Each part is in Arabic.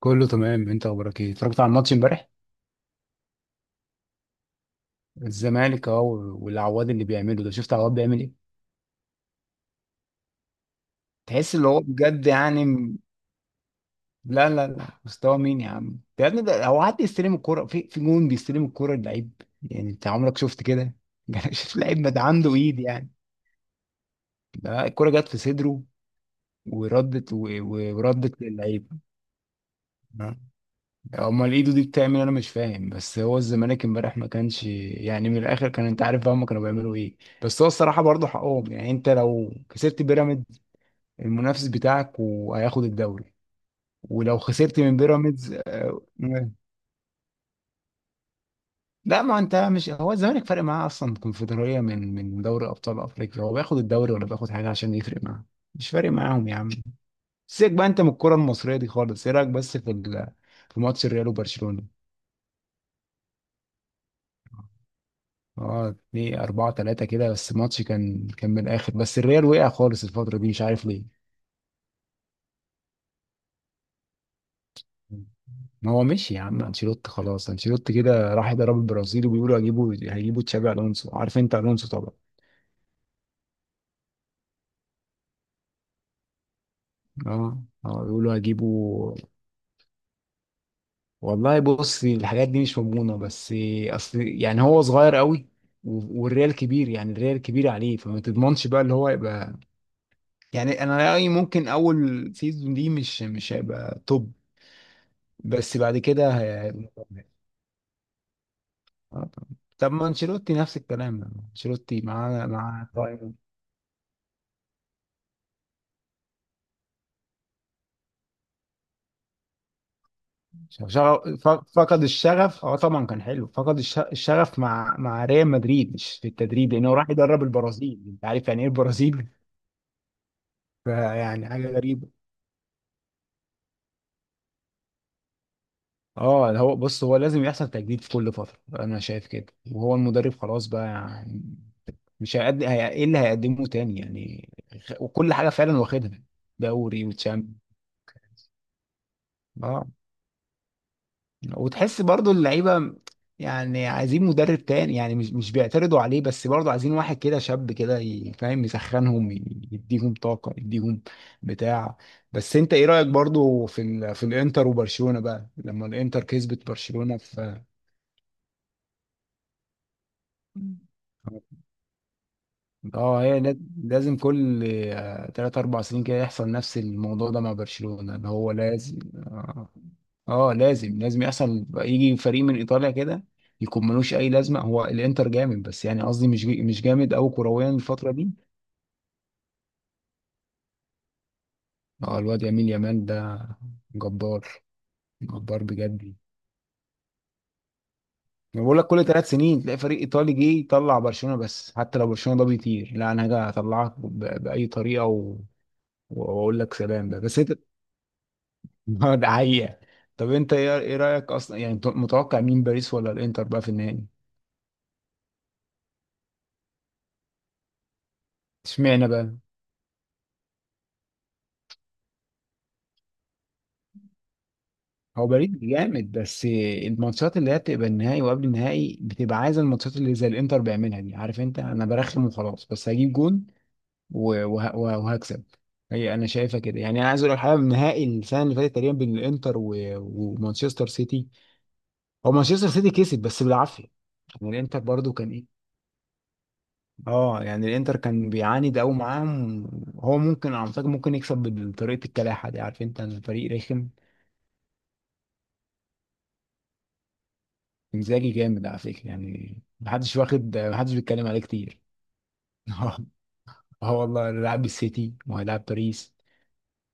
كله تمام، انت اخبارك ايه؟ اتفرجت على الماتش امبارح؟ الزمالك اهو، والعواد اللي بيعمله ده، شفت عواد بيعمل ايه؟ تحس اللي هو بجد يعني لا لا لا، مستوى مين يا عم؟ ده يا ابني، ده هو حد يستلم الكرة في جون؟ بيستلم الكرة اللعيب، يعني انت عمرك شفت كده؟ شفت لعيب ما ده عنده ايد يعني، ده الكرة جت في صدره وردت وردت للعيب. امال ايده دي بتعمل؟ انا مش فاهم. بس هو الزمالك امبارح ما كانش يعني من الاخر، كان انت عارف بقى هما كانوا بيعملوا ايه. بس هو الصراحه برضه حقهم، يعني انت لو كسبت بيراميدز المنافس بتاعك وهياخد الدوري، ولو خسرت من بيراميدز لا، ما انت مش هو الزمالك فارق معاه اصلا كونفدراليه من دوري ابطال افريقيا، هو بياخد الدوري ولا بياخد حاجه عشان يفرق معاه؟ مش فارق معاهم يا عم. سيبك بقى انت من الكره المصريه دي خالص. ايه رايك بس في في ماتش الريال وبرشلونه؟ اه، اتنين أربعة تلاتة كده، بس الماتش كان من الآخر، بس الريال وقع خالص الفترة دي، مش عارف ليه. ما هو مشي يا عم أنشيلوتي، خلاص أنشيلوتي كده راح يدرب البرازيل، وبيقولوا هيجيبوا تشابي ألونسو، عارف أنت ألونسو طبعا. اه اه، بيقولوا هيجيبوا. والله بص الحاجات دي مش مضمونة، بس أصل يعني هو صغير قوي، والريال كبير، يعني الريال كبير عليه، فما تضمنش بقى اللي هو يبقى، يعني أنا رأيي ممكن أول سيزون دي مش هيبقى توب، بس بعد كده آه، طب طب ما انشيلوتي نفس الكلام يعني. انشيلوتي مع طيب. شغف، فقد الشغف، اه طبعا كان حلو. فقد الشغف مع ريال مدريد، مش في التدريب، لانه راح يدرب البرازيل، انت عارف يعني ايه البرازيل. فيعني حاجه غريبه. اه، ده هو بص هو لازم يحصل تجديد في كل فتره، انا شايف كده، وهو المدرب خلاص بقى يعني، مش هيقدم. ايه اللي هيقدمه تاني يعني؟ وكل حاجه فعلا واخدها، دوري وتشامبيونز. اه. وتحس برضو اللعيبه يعني عايزين مدرب تاني، يعني مش بيعترضوا عليه، بس برضو عايزين واحد كده شاب كده فاهم يسخنهم، يديهم طاقه، يديهم بتاع. بس انت ايه رايك برضو في في الانتر وبرشلونه بقى لما الانتر كسبت برشلونه في. اه هي لا- لازم كل آه، تلات أربع سنين كده يحصل نفس الموضوع ده مع برشلونة، اللي هو لازم اه، آه، لازم لازم يحصل يجي فريق من إيطاليا كده يكون ملوش أي لازمة. هو الإنتر جامد، بس يعني قصدي مش جامد أوي كرويا الفترة دي. اه الواد يمين يامال ده جبار، جبار بجد. انا بقول لك كل ثلاث سنين تلاقي فريق ايطالي جه يطلع برشلونه، بس حتى لو برشلونه ده بيطير، لا انا هاجي اطلعك باي طريقه واقول لك سلام بقى، بس انت ده حقيقة. طب انت ايه رأيك اصلا، يعني انت متوقع مين، باريس ولا الانتر بقى في النهائي؟ اشمعنى بقى؟ هو باريس جامد، بس الماتشات اللي هي بتبقى النهائي وقبل النهائي بتبقى عايزة الماتشات اللي زي الانتر بيعملها دي، عارف انت، انا برخم وخلاص بس هجيب جون وهكسب، هي انا شايفها كده يعني. انا عايز اقول لك حاجه، النهائي السنه اللي فاتت تقريبا بين الانتر ومانشستر سيتي، هو مانشستر سيتي كسب بس بالعافيه، يعني الانتر برضو كان ايه. اه يعني الانتر كان بيعاند قوي معاهم، هو ممكن على فكره، ممكن يكسب بطريقه الكلاحه دي، عارف انت، الفريق رخم. انزاجي جامد على فكره، يعني محدش واخد، محدش بيتكلم عليه كتير. اه، آه والله لاعب السيتي وهيلاعب باريس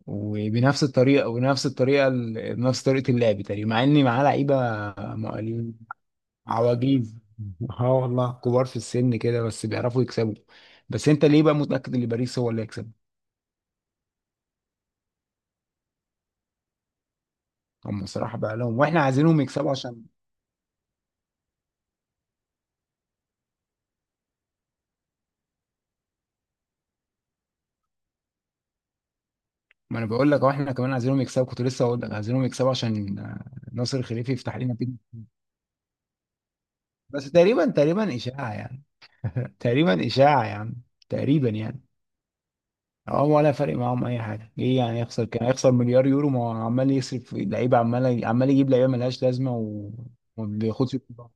وبنفس الطريقه، وبنفس الطريقه نفس طريقه اللعب تقريبا، مع ان معاه لعيبه مقاولين، عواجيز. اه والله كبار في السن كده، بس بيعرفوا يكسبوا. بس انت ليه بقى متاكد ان باريس هو اللي هيكسب؟ هم الصراحه بقى لهم، واحنا عايزينهم يكسبوا عشان، ما انا بقول لك اهو، احنا كمان عايزينهم يكسبوا، كنت لسه اقول لك عايزينهم يكسبوا عشان آه، ناصر الخليفي يفتح لنا كده. بس تقريبا تقريبا اشاعه يعني. تقريبا اشاعه يعني، تقريبا يعني. اه ولا فارق معاهم اي حاجه، ايه يعني يخسر؟ كان هيخسر مليار يورو، ما هو عمال يصرف في لعيبه، عمال عمال يجيب لعيبه ملهاش لازمه وما بياخدش بطولات.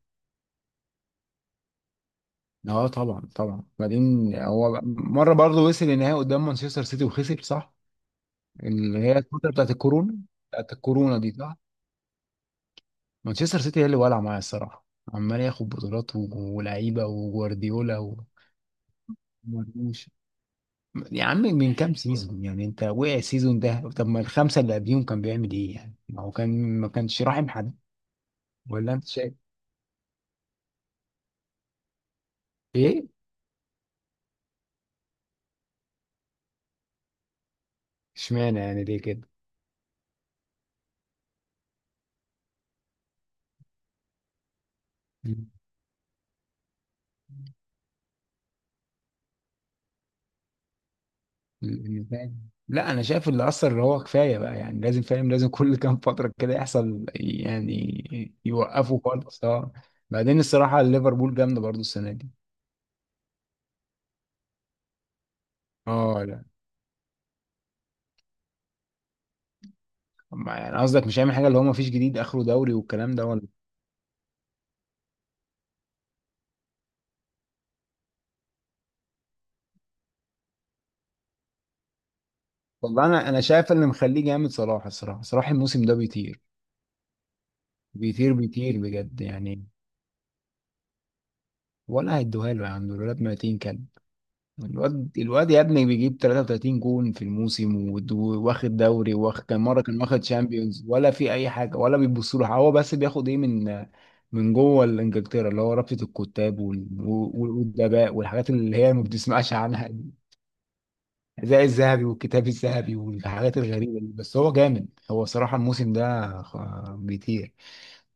اه طبعا طبعا. بعدين هو مره برضه وصل النهائي قدام مانشستر سيتي وخسر، صح؟ اللي هي الفتره بتاعت الكورونا، بتاعت الكورونا دي، صح. مانشستر سيتي هي اللي والعه معايا الصراحه، عمال ياخد بطولات ولعيبه وجوارديولا ومرموش. يا عم من كام سيزون يعني انت؟ وقع السيزون ده، طب ما الخمسه اللي قبليهم كان بيعمل ايه يعني؟ ما هو كان ما كانش راحم حد، ولا انت شايف ايه؟ اشمعنى يعني، ليه كده؟ مم. مم. فاهم. لا انا شايف اللي اثر اللي هو كفايه بقى يعني لازم فاهم، لازم كل كام فتره كده يحصل يعني يوقفوا خالص، اه. بعدين الصراحه ليفربول جامده برضو السنه دي. اه لا، ما يعني قصدك مش هيعمل حاجه اللي هو ما فيش جديد، اخره دوري والكلام ده ولا؟ والله انا، انا شايف اللي مخليه جامد صلاح الصراحه، صلاح الموسم ده بيطير، بيطير بيطير بجد يعني. ولا هيدوها له يا عم؟ الولاد ميتين كلب. الواد، الواد يا ابني بيجيب 33 جون في الموسم، واخد دوري، واخد كان مره كان واخد شامبيونز، ولا في اي حاجه ولا بيبصوا له. هو بس بياخد ايه من، من جوه الانجلترا اللي هو رابطه الكتاب والادباء والحاجات اللي هي ما بتسمعش عنها. زي الذهبي والكتاب الذهبي والحاجات الغريبة دي. بس هو جامد، هو صراحة الموسم ده بيطير.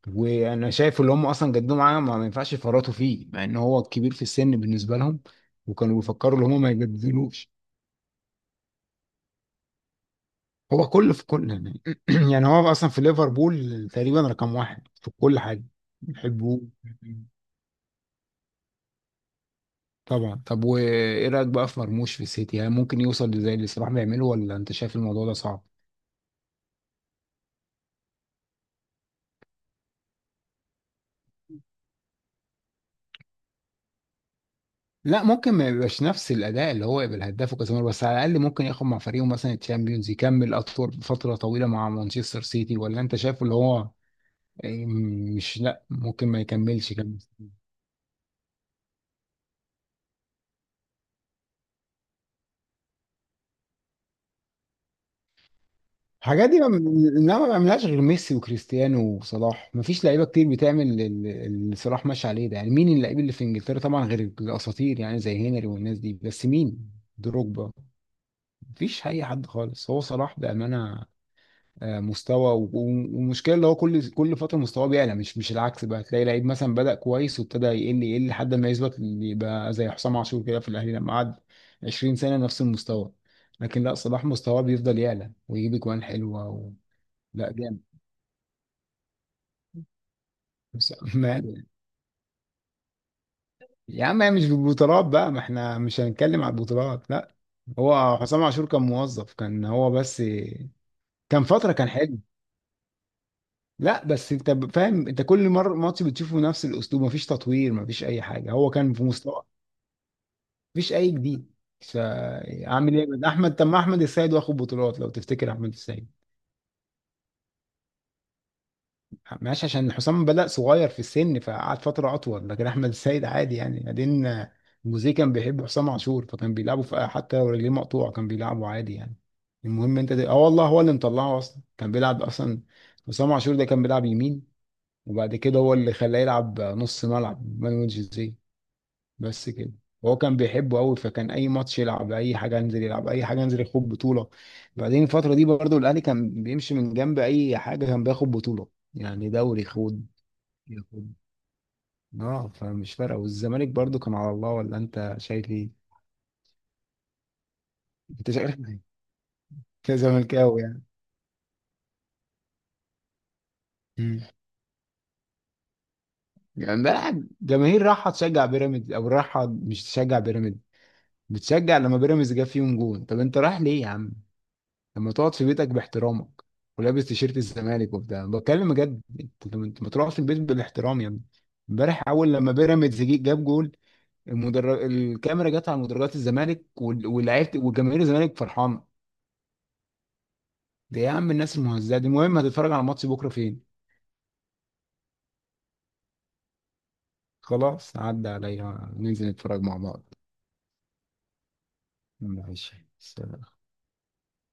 وانا شايف اللي هم اصلا جددوا معاه، ما ينفعش يفرطوا فيه، مع ان هو كبير في السن بالنسبة لهم، وكانوا بيفكروا ان هم ما يجددوش. هو كل في كل يعني. يعني هو اصلا في ليفربول تقريبا رقم واحد في كل حاجة، بيحبوه. طبعا. طب وايه رايك بقى في مرموش في السيتي؟ هل ممكن يوصل زي اللي صلاح بيعمله، ولا انت شايف الموضوع ده صعب؟ لا ممكن ما يبقاش نفس الاداء اللي هو يبقى الهداف وكذا مره، بس على الاقل ممكن ياخد مع فريقه مثلا الشامبيونز، يكمل اطول فتره طويله مع مانشستر سيتي، ولا انت شايفه اللي هو إيه، مش لا ممكن ما يكملش كمان. الحاجات دي ما انما ما بيعملهاش غير ميسي وكريستيانو وصلاح، ما فيش لعيبه كتير بتعمل اللي صلاح ماشي عليه ده، يعني مين اللعيب اللي في انجلترا طبعا غير الاساطير يعني زي هنري والناس دي، بس مين؟ دروجبا. مفيش اي حد خالص، هو صلاح بامانه آه، مستوى والمشكله اللي هو كل فتره مستواه بيعلى، مش العكس بقى، تلاقي لعيب مثلا بدأ كويس وابتدى يقل يقل لحد ما يثبت اللي يبقى زي حسام عاشور كده في الاهلي لما قعد 20 سنه نفس المستوى. لكن لا، صلاح مستواه بيفضل يعلى ويجيب اجوان حلوه لا جامد بس. ما... يا عم هي مش بالبطولات بقى، ما احنا مش هنتكلم على البطولات لا. هو حسام عاشور كان موظف، كان هو بس، كان فتره كان حلو. لا بس انت فاهم، انت كل مره ماتش بتشوفه نفس الاسلوب، مفيش تطوير مفيش اي حاجه، هو كان في مستوى، مفيش اي جديد. فاعمل ايه؟ ده احمد، طب ما احمد السيد واخد بطولات لو تفتكر احمد السيد. ماشي عشان حسام بدأ صغير في السن فقعد فتره اطول، لكن احمد السيد عادي يعني. بعدين آه، جوزيه كان بيحب حسام عاشور، فكان بيلعبه في حتى لو رجليه مقطوعه كان بيلعبه عادي يعني. المهم انت اه والله هو اللي مطلعه اصلا، كان بيلعب اصلا حسام عاشور ده كان بيلعب يمين، وبعد كده هو اللي خلاه يلعب نص ملعب مانويل جوزيه. بس كده. هو كان بيحبه قوي، فكان اي ماتش يلعب اي حاجه انزل، يلعب اي حاجه انزل، ياخد بطوله. بعدين الفتره دي برضو الاهلي كان بيمشي من جنب اي حاجه كان بياخد بطوله، يعني دوري خد، ياخد. اه فمش فارقه. والزمالك برضو كان على الله، ولا انت شايف ايه؟ انت شايف ايه؟ انت زملكاوي يعني؟ مم. يعني ده جماهير رايحه تشجع بيراميدز او رايحه مش تشجع بيراميدز، بتشجع لما بيراميدز جاب فيهم جون. طب انت رايح ليه يا عم؟ لما تقعد في بيتك باحترامك، ولابس تيشيرت الزمالك وبتاع، بتكلم بجد، انت انت ما تقعد في البيت بالاحترام يا ابني. امبارح اول لما بيراميدز جاب جول، الكاميرا جت على مدرجات الزمالك واللعيبه، وجماهير الزمالك فرحانه. ده يا عم الناس المهزأه دي. المهم هتتفرج على الماتش بكره فين؟ خلاص عدى عليا ننزل نتفرج مع بعض. ماشي، سلام.